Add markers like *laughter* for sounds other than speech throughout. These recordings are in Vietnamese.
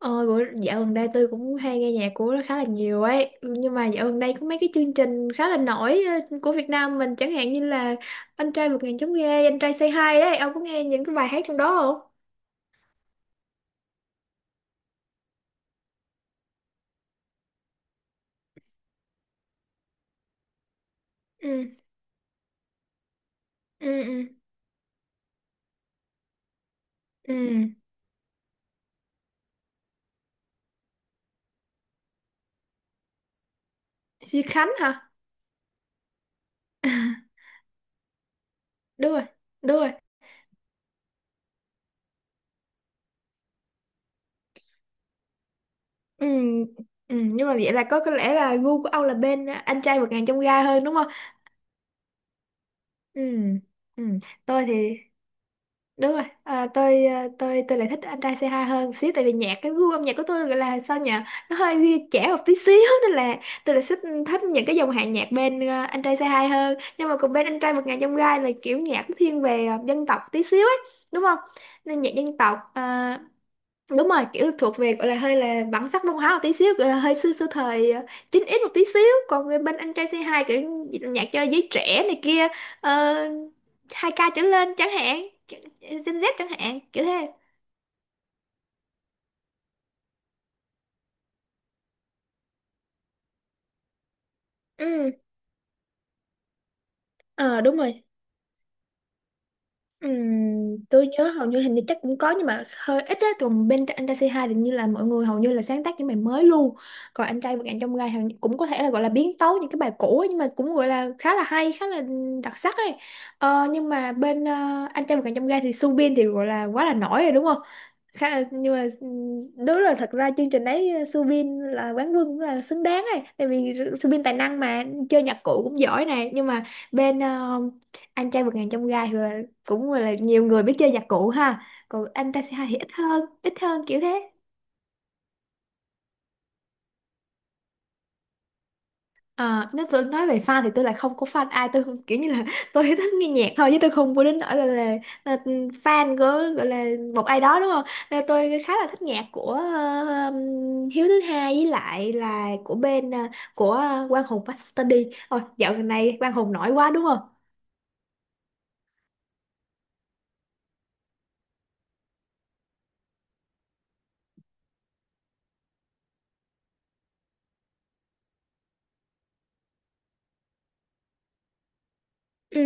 Ôi, bữa dạo gần đây tôi cũng hay nghe nhạc của nó khá là nhiều ấy. Nhưng mà dạo gần đây có mấy cái chương trình khá là nổi của Việt Nam mình. Chẳng hạn như là Anh trai vượt ngàn chông gai, Anh trai Say Hi đấy. Ông có nghe những cái bài hát trong đó không? Ừ, ừ, ừ, ừ. Duy Khánh hả? Đúng rồi, đúng rồi. Ừ, ừ, nhưng mà vậy là có lẽ là gu của ông là bên Anh trai vượt ngàn chông gai hơn đúng không? Ừ, ừ. Tôi thì đúng rồi. Tôi tôi lại thích anh trai c hai hơn một xíu, tại vì nhạc, cái gu âm nhạc của tôi gọi là sao nhỉ, nó hơi trẻ một tí xíu *laughs* nên là tôi lại thích thích những cái dòng hàng nhạc bên anh trai c hai hơn. Nhưng mà còn bên anh trai một ngàn trong gai là kiểu nhạc nó thiên về dân tộc tí xíu ấy, đúng không? Nên nhạc dân tộc. À, đúng rồi, kiểu thuộc về gọi là hơi là bản sắc văn hóa một tí xíu, gọi là hơi xưa xưa thời 9x một tí xíu. Còn người bên anh trai c hai kiểu nhạc cho giới trẻ này kia, 2K trở lên chẳng hạn, Gen Z chẳng hạn, kiểu thế. Ừ. Ờ, đúng rồi. Tôi nhớ hầu như, hình như chắc cũng có nhưng mà hơi ít á, còn bên anh trai c hai thì như là mọi người hầu như là sáng tác những bài mới luôn. Còn anh trai vượt ngàn chông gai hầu như cũng có thể là gọi là biến tấu những cái bài cũ ấy, nhưng mà cũng gọi là khá là hay, khá là đặc sắc ấy. Nhưng mà bên anh trai vượt ngàn chông gai thì Sun Bin thì gọi là quá là nổi rồi đúng không? Khá là, nhưng mà đúng là thật ra chương trình đấy Su Bin là quán quân cũng là xứng đáng ấy, tại vì Su Bin tài năng mà, chơi nhạc cụ cũng giỏi này, nhưng mà bên anh trai vượt ngàn chông gai rồi cũng là nhiều người biết chơi nhạc cụ ha, còn anh ta xê hai thì ít hơn, ít hơn, kiểu thế. À, nếu tôi nói về fan thì tôi lại không có fan ai. Tôi không- Kiểu như là *laughs* tôi thích nghe nhạc thôi chứ tôi không có đến nỗi là, là fan của, gọi là, một ai đó đúng không. Nên tôi khá là thích nhạc của Hiếu thứ hai, với lại là của bên Quang Hùng Master D. Ôi, dạo gần này Quang Hùng nổi quá đúng không? Ừ.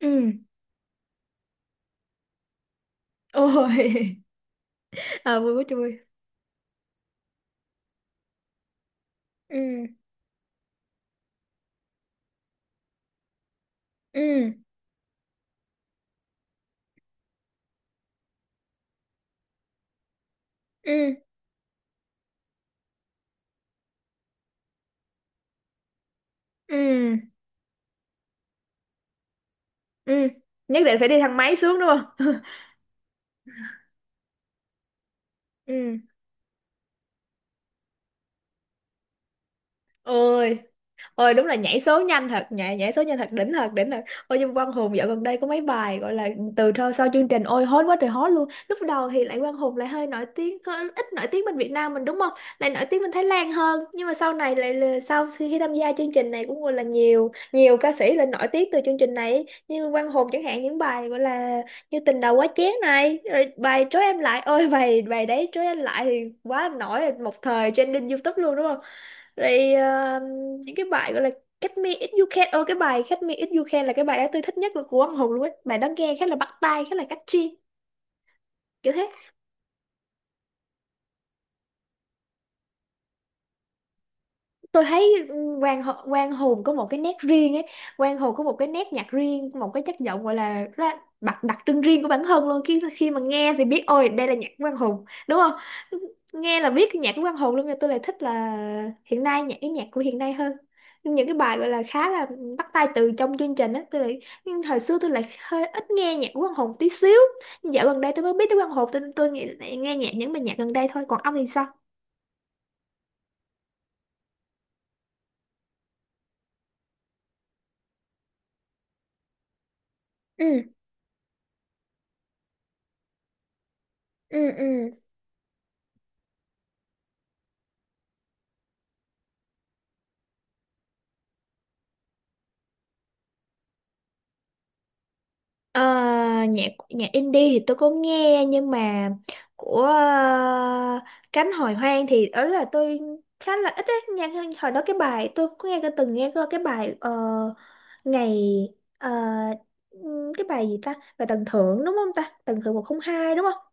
Ừ. Ôi. *laughs* À, vui quá trời. Ừ, ừ, ừ, ừ, ừ, nhất định phải đi thang máy xuống đúng không? *laughs* Ừ. Ôi. Ôi, đúng là nhảy số nhanh thật, nhảy, nhảy số nhanh thật, đỉnh thật, đỉnh thật. Ôi, nhưng Quang Hùng dạo gần đây có mấy bài gọi là, từ sau chương trình ôi hot quá trời hot luôn. Lúc đầu thì lại Quang Hùng lại hơi nổi tiếng, hơi ít nổi tiếng bên Việt Nam mình đúng không, lại nổi tiếng bên Thái Lan hơn, nhưng mà sau này sau khi tham gia chương trình này cũng gọi là nhiều, nhiều ca sĩ lên nổi tiếng từ chương trình này ấy. Như Quang Hùng chẳng hạn, những bài gọi là như Tình đầu quá chén này, rồi bài Trối em lại, ôi bài bài đấy Trối em lại thì quá nổi một thời, trending YouTube luôn đúng không? Rồi những cái bài gọi là Catch Me If You Can. Ơ, cái bài Catch Me If You Can là cái bài đó tôi thích nhất là của Quang Hùng luôn ấy, bài đó nghe khá là bắt tai, khá là catchy, kiểu thế. Tôi thấy Quang Hùng có một cái nét riêng ấy. Quang Hùng có một cái nét nhạc riêng, một cái chất giọng gọi là ra, đặc đặc trưng riêng của bản thân luôn, khi khi mà nghe thì biết ôi đây là nhạc của Quang Hùng đúng không? Nghe là biết cái nhạc của Quang Hùng luôn. Nhưng tôi lại thích là hiện nay, cái nhạc của hiện nay hơn, những cái bài gọi là khá là bắt tai từ trong chương trình á, tôi lại. Nhưng hồi xưa tôi lại hơi ít nghe nhạc của Quang Hùng tí xíu. Nhưng dạo gần đây tôi mới biết tới Quang Hùng. Tôi nghe nhạc, những bài nhạc gần đây thôi, còn ông thì sao? Ừ, ừ, ừ. Ờ, nhạc nhạc indie thì tôi có nghe nhưng mà của Cánh Hồi Hoang thì đó là tôi khá là ít ấy. Nhạc hồi đó, cái bài tôi có nghe từng nghe qua cái bài ngày ờ, cái bài gì ta, bài Tầng thưởng đúng không ta, Tầng thưởng 102 đúng không?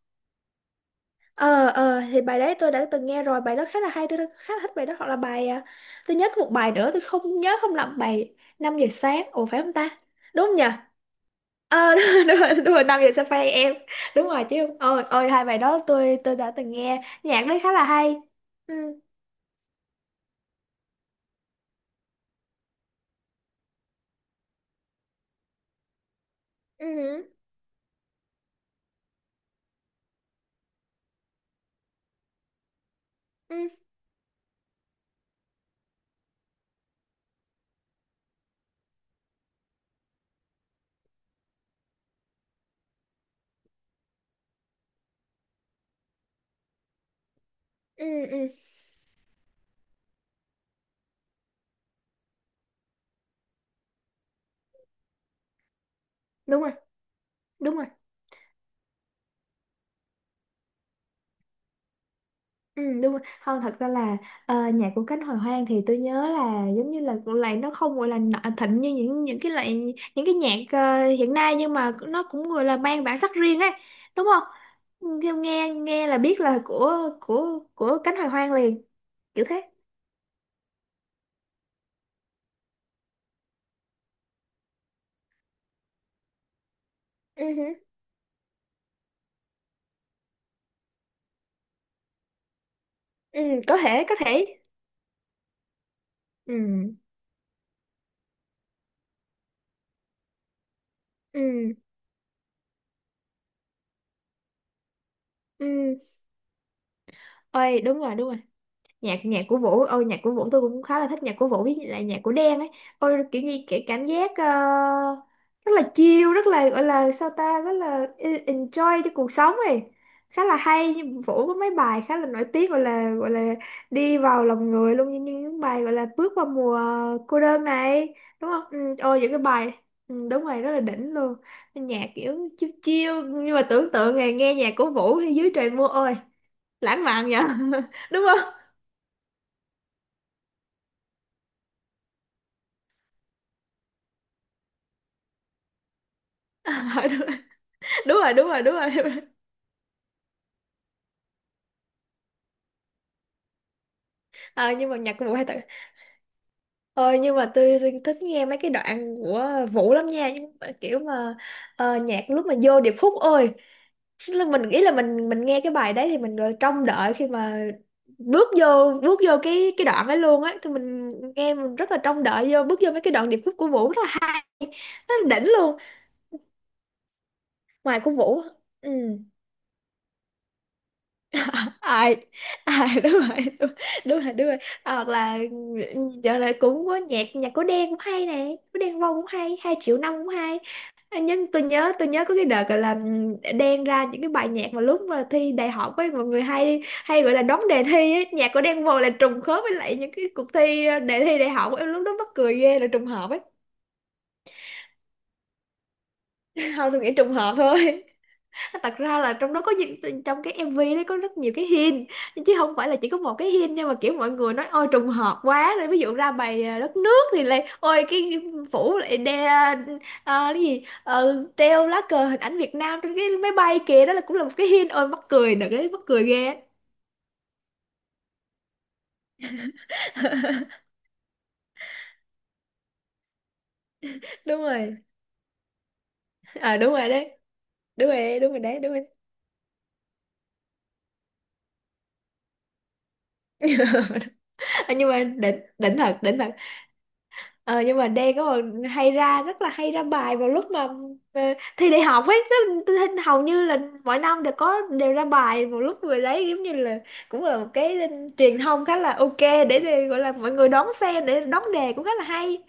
Ờ, ờ, thì bài đấy tôi đã từng nghe rồi, bài đó khá là hay, tôi đã, khá là thích bài đó. Hoặc là bài, à, tôi nhớ có một bài nữa, tôi không nhớ không lầm, bài 5 giờ sáng ồ phải không ta? Đúng không nhỉ? Ờ, *laughs* đúng rồi, đúng rồi, đúng rồi, năm giờ sẽ phê em. Đúng rồi chứ. Ôi, ôi, hai bài đó tôi đã từng nghe, nhạc đấy khá là hay. Ừ. Ừ. Ừ. Ừ. Ừ. Đúng rồi, đúng rồi. Ừ, đúng rồi. Không, thật ra là nhạc của Cánh Hồi Hoang thì tôi nhớ là giống như là lại nó không gọi là thịnh như những cái loại, những cái nhạc hiện nay, nhưng mà nó cũng gọi là mang bản sắc riêng ấy, đúng không? Nghe nghe nghe là biết là của Cánh Hồi Hoang liền, kiểu thế. Ừ hử. Ừ, có thể, có thể. Ừ, ừ, ừ. Ôi, đúng rồi, đúng. Nhạc nhạc của Vũ, ôi nhạc của Vũ tôi cũng khá là thích, nhạc của Vũ với lại nhạc của Đen ấy. Ôi, kiểu như cái cảm giác rất là chill, rất là gọi là sao ta, rất là enjoy cho cuộc sống ấy, khá là hay. Nhưng Vũ có mấy bài khá là nổi tiếng, gọi là đi vào lòng người luôn, như như những bài gọi là Bước vào mùa cô đơn này đúng không? Ừ, ôi những cái bài, ừ, đúng rồi, rất là đỉnh luôn. Nhạc kiểu chill chill, nhưng mà tưởng tượng ngày nghe nhạc của Vũ thì dưới trời mưa, ôi lãng mạn vậy. *laughs* Đúng không? *laughs* Ờ, đúng, đúng rồi, đúng rồi, đúng rồi, đúng rồi. Ờ, nhưng mà nhạc của Vũ hay thật. Ờ, nhưng mà tôi thích nghe mấy cái đoạn của Vũ lắm nha. Nhưng mà kiểu mà nhạc lúc mà vô điệp khúc ơi, tức là mình nghĩ là mình nghe cái bài đấy thì mình rồi trông đợi khi mà bước vô cái đoạn ấy luôn á, thì mình nghe mình rất là trông đợi vô, bước vô mấy cái đoạn điệp khúc của Vũ, rất là hay, rất là đỉnh luôn. Ngoài của Vũ, ừ, à, à, *laughs* đúng rồi, đúng, đúng rồi, đúng rồi. À, hoặc là giờ lại cũng có nhạc nhạc của Đen cũng hay nè, của Đen Vâu cũng hay, 2 triệu năm cũng hay. À, nhưng tôi nhớ có cái đợt gọi là Đen ra những cái bài nhạc mà lúc mà thi đại học với mọi người hay, hay gọi là đóng đề thi ấy. Nhạc của Đen Vâu là trùng khớp với lại những cái cuộc thi đề thi đại học em, lúc đó mắc cười ghê, là trùng hợp ấy. *laughs* Không, tôi nghĩ trùng hợp thôi, thật ra là trong đó trong cái MV đấy có rất nhiều cái hint, chứ không phải là chỉ có một cái hint. Nhưng mà kiểu mọi người nói ôi trùng hợp quá, rồi ví dụ ra bài đất nước thì lại ôi cái phủ lại đe, à cái gì. Ờ, treo lá cờ hình ảnh Việt Nam trên cái máy bay kìa, đó là cũng là một cái hint. Ôi mắc cười, đợt đấy mắc cười ghê á. Đúng rồi. Đúng rồi đấy, đúng rồi đấy, đúng rồi đấy, đúng rồi. À, nhưng mà đỉnh, đỉnh thật, đỉnh thật. Ờ nhưng mà Đen có còn hay ra, rất là hay ra bài vào lúc mà ờ, thi đại học ấy, tôi thấy hầu như là mỗi năm đều có, đều ra bài vào lúc người lấy, giống như là cũng là một cái truyền thông khá là ok để gọi là mọi người đón xem để đón đề, cũng khá là hay.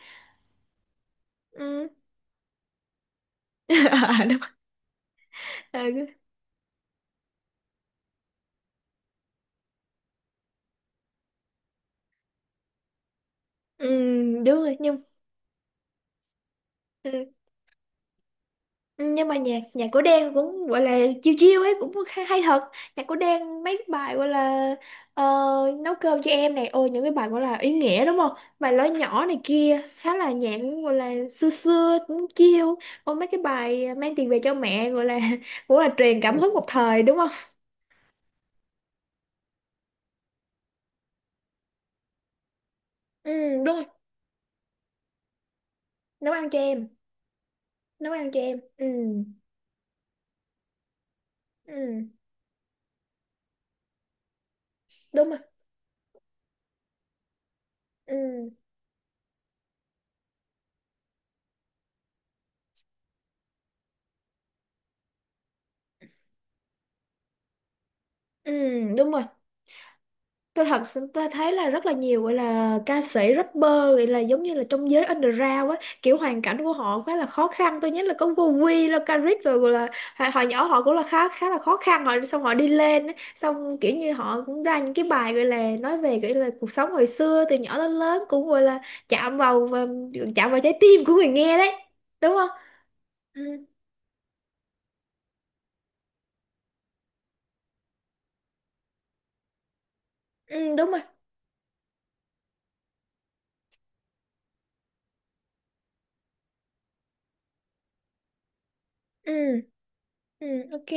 Ừ. *laughs* À, đúng rồi. Ừ, ừ, đúng rồi nhưng, ừ, Ừ, nhưng mà nhạc nhạc của Đen cũng gọi là chiêu chiêu ấy, cũng hay, hay thật. Nhạc của Đen mấy bài gọi là ờ, Nấu cơm cho em này, ôi những cái bài gọi là ý nghĩa đúng không, bài Lối nhỏ này kia, khá là, nhạc cũng gọi là xưa xưa, cũng chiêu. Ôi mấy cái bài Mang tiền về cho mẹ gọi là *laughs* cũng là truyền cảm hứng một thời đúng không? Ừ, đúng rồi. Nấu ăn cho em, nấu ăn cho em, ừ. Ừ, đúng rồi. Ừ, ừ, đúng rồi. Tôi thật sự tôi thấy là rất là nhiều gọi là ca sĩ, rapper, gọi là giống như là trong giới underground á, kiểu hoàn cảnh của họ khá là khó khăn. Tôi nhớ là có Vô Quy, là Caric rồi, gọi là hồi hồi nhỏ họ cũng là khá khá là khó khăn, họ xong họ đi lên á. Xong kiểu như họ cũng ra những cái bài gọi là nói về gọi là cuộc sống hồi xưa từ nhỏ đến lớn, cũng gọi là chạm vào, chạm vào trái tim của người nghe đấy, đúng không? Ừ, ừ, đúng rồi. Ừ, ừ, ok,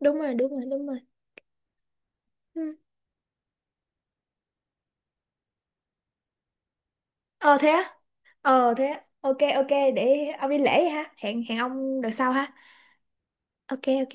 đúng rồi, đúng rồi, đúng rồi. Ừ. Ờ thế á. Ờ thế á, ok, ok, để ông đi lễ ha, hẹn, hẹn ông đợt sau ha. Ok, ok.